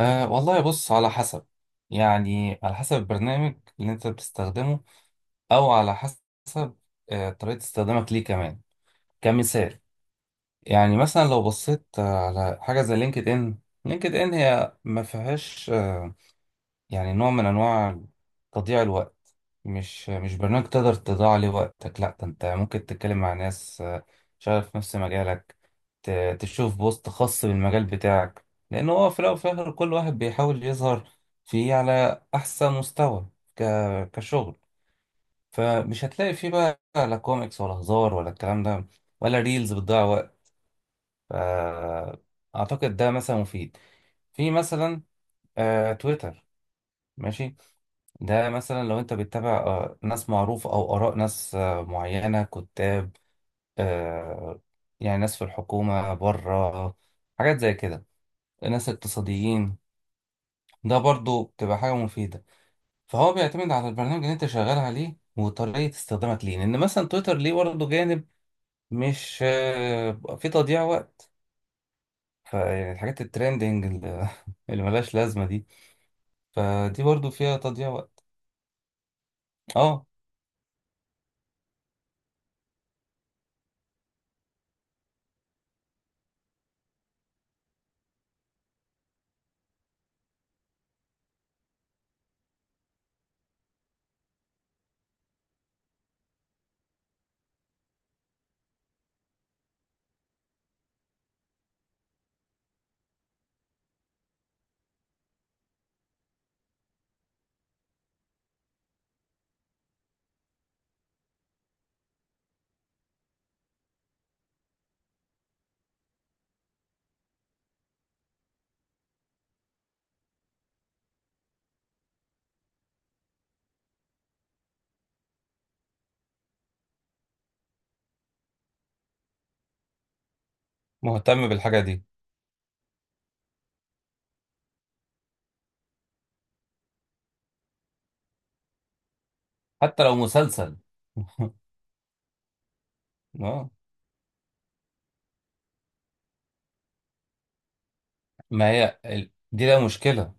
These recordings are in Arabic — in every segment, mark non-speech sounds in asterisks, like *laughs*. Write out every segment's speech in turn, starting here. أه، والله بص، على حسب. يعني على حسب البرنامج اللي انت بتستخدمه، او على حسب طريقة استخدامك ليه كمان، كمثال. يعني مثلا لو بصيت على حاجة زي لينكد ان، لينكد ان هي ما فيهاش يعني نوع من انواع تضييع الوقت. مش برنامج تقدر تضيع عليه وقتك، لا ده انت ممكن تتكلم مع ناس شغالة في نفس مجالك، تشوف بوست خاص بالمجال بتاعك، لان هو في الاول وفي الاخر كل واحد بيحاول يظهر فيه على احسن مستوى، ك... كشغل. فمش هتلاقي فيه بقى لا كوميكس ولا هزار ولا الكلام ده، ولا ريلز بتضيع وقت. ف- اعتقد ده مثلا مفيد، في مثلا تويتر، ماشي. ده مثلا لو انت بتتابع ناس معروفة او اراء ناس معينة، كتاب، آه، يعني ناس في الحكومة بره، حاجات زي كده، ناس اقتصاديين، ده برضو بتبقى حاجة مفيدة. فهو بيعتمد على البرنامج اللي انت شغال عليه وطريقة استخدامك ليه، لان مثلا تويتر ليه برضه جانب مش في تضييع وقت، فيعني الحاجات الترندنج اللي *laughs* اللي ملهاش لازمة دي، فدي برضو فيها تضييع وقت. اه، مهتم بالحاجة دي، حتى لو مسلسل. *laughs* اه، ما هي دي لها مشكلة.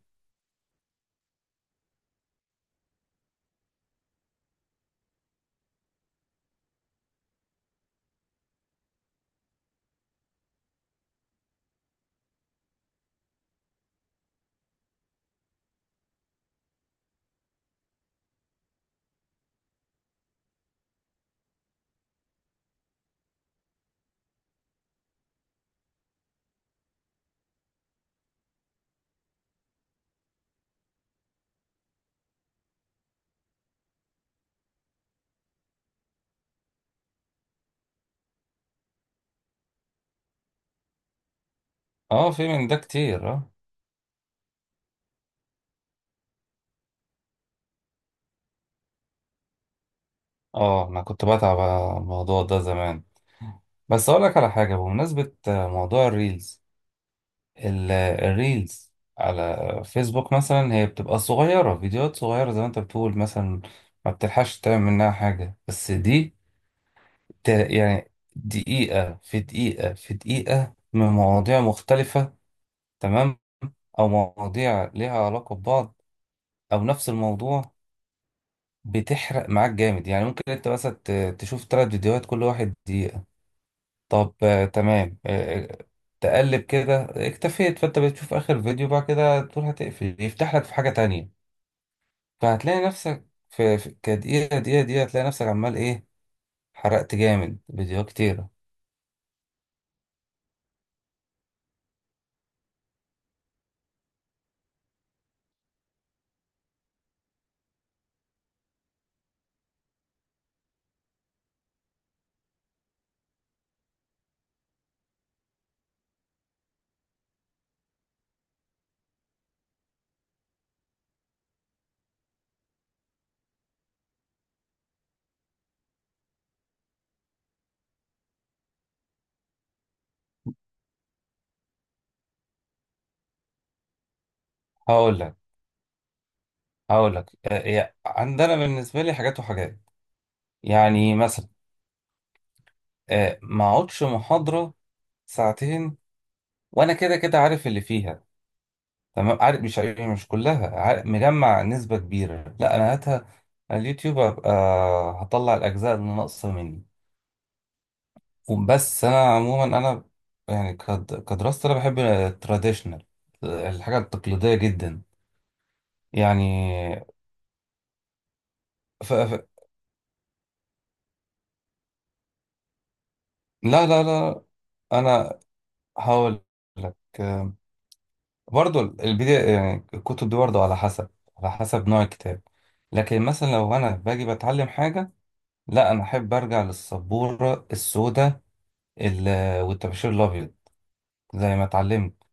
اه، في من ده كتير، اه. اه، انا كنت بتعب على الموضوع ده زمان. بس اقول لك على حاجة، بمناسبة موضوع الريلز، الريلز على فيسبوك مثلا هي بتبقى صغيرة، فيديوهات صغيرة زي ما انت بتقول مثلا، ما بتلحقش تعمل منها حاجة. بس دي يعني دقيقة في دقيقة في دقيقة من مواضيع مختلفة، تمام، او مواضيع ليها علاقة ببعض، او نفس الموضوع، بتحرق معاك جامد. يعني ممكن انت بس تشوف ثلاث فيديوهات كل واحد دقيقة، طب تمام، تقلب كده اكتفيت، فانت بتشوف اخر فيديو، بعد كده تقول هتقفل، يفتح لك في حاجة تانية، فهتلاقي نفسك في كدقيقة دقيقة دقيقة، هتلاقي نفسك عمال ايه، حرقت جامد فيديوهات كتيرة. هقول لك هقول لك عندنا بالنسبة لي حاجات وحاجات. يعني مثلا ما اقعدش محاضرة ساعتين وانا كده كده عارف اللي فيها، تمام، عارف مش عارف، يعني مش كلها، عارف مجمع نسبة كبيرة، لا أنا هاتها على اليوتيوب، هبقى هطلع الأجزاء اللي ناقصة مني. بس أنا عموما أنا يعني كدراسة أنا بحب التراديشنال، الحاجة التقليدية جدا يعني. ف... ف... لا لا لا، أنا هقول لك برضو البداية، يعني الكتب دي برضو على حسب نوع الكتاب. لكن مثلا لو أنا باجي بتعلم حاجة، لا أنا أحب أرجع للسبورة السوداء والطباشير الابيض زي ما اتعلمت،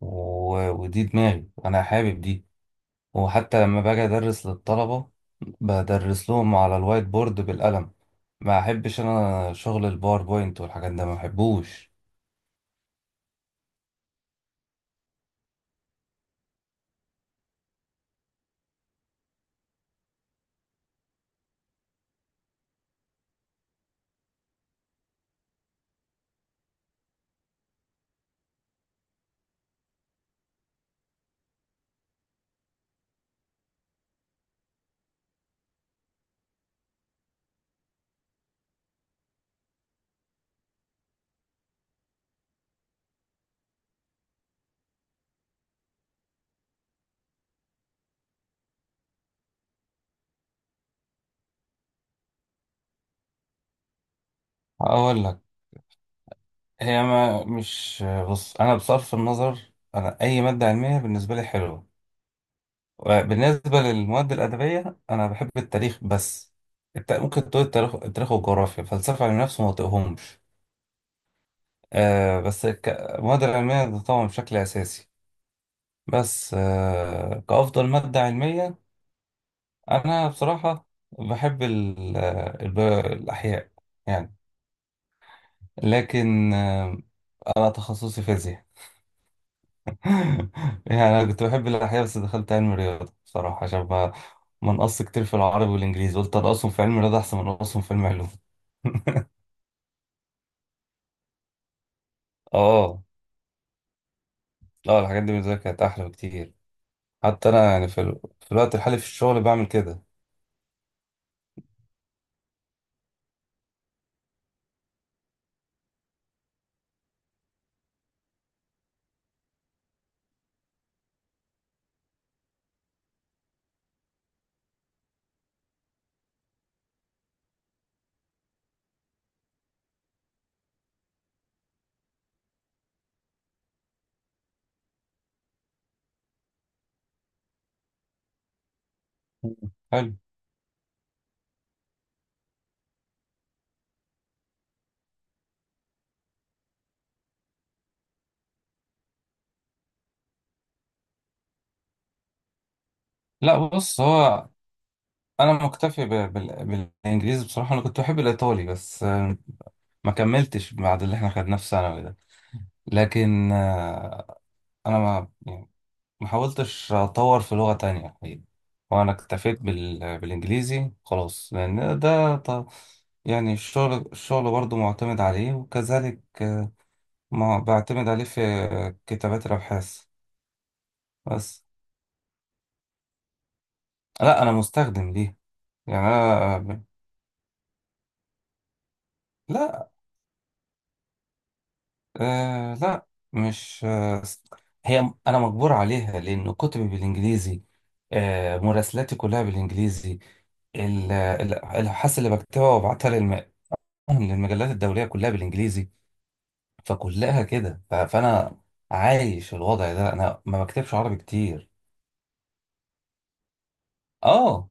ودي دماغي انا حابب دي، وحتى لما باجي ادرس للطلبه بدرس لهم على الوايت بورد بالقلم، ما احبش انا شغل الباوربوينت والحاجات ده، ما بحبوش. اقول لك، هي ما مش بص، انا بصرف النظر، انا اي ماده علميه بالنسبه لي حلوه. بالنسبه للمواد الادبيه انا بحب التاريخ بس، ممكن تقول التاريخ، التاريخ والجغرافيا، فلسفه، علم نفس، ما طيقهمش. بس المواد العلمية ده طبعا بشكل أساسي. بس كأفضل مادة علمية، أنا بصراحة بحب الأحياء يعني، لكن أنا تخصصي فيزياء. *laughs* يعني أنا كنت بحب الأحياء، بس دخلت علم الرياضة بصراحة عشان ما نقص كتير في العربي والإنجليزي، قلت أنقصهم في علم الرياضة أحسن من أنقصهم في علم علوم. *laughs* اه لا، الحاجات دي بالنسبه لي كانت احلى بكتير. حتى انا يعني في الوقت الحالي في الشغل بعمل كده. حلو. لا بص، هو انا مكتفي بالانجليزي بصراحه، انا كنت بحب الايطالي بس ما كملتش بعد اللي احنا خدناه في ثانوي ده، لكن انا ما يعني ما حاولتش اطور في لغه تانية الحقيقة. وانا اكتفيت بالانجليزي خلاص، لان ده يعني الشغل، الشغل برضه معتمد عليه، وكذلك ما بعتمد عليه في كتابات الابحاث. بس لا، انا مستخدم ليه يعني. انا لا، مش هي، أنا مجبور عليها لأن كتبي بالإنجليزي، مراسلاتي كلها بالإنجليزي، الأبحاث اللي بكتبها وببعتها للمجلات الدولية كلها بالإنجليزي، فكلها كده، فأنا عايش الوضع ده، أنا ما بكتبش عربي كتير. آه،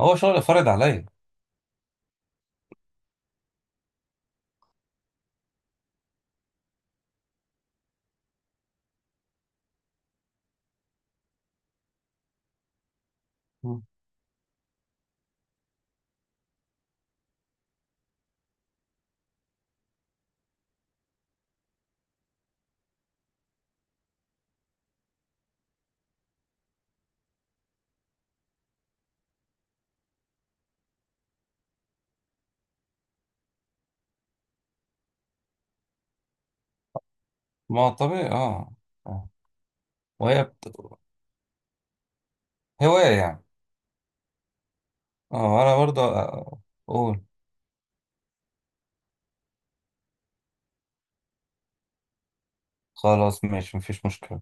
هو شغل فرض عليا. مم. ما هو طبيعي، آه. آه. وهي هواية يعني. أنا برضه أقول: خلاص، ماشي، مفيش مشكلة.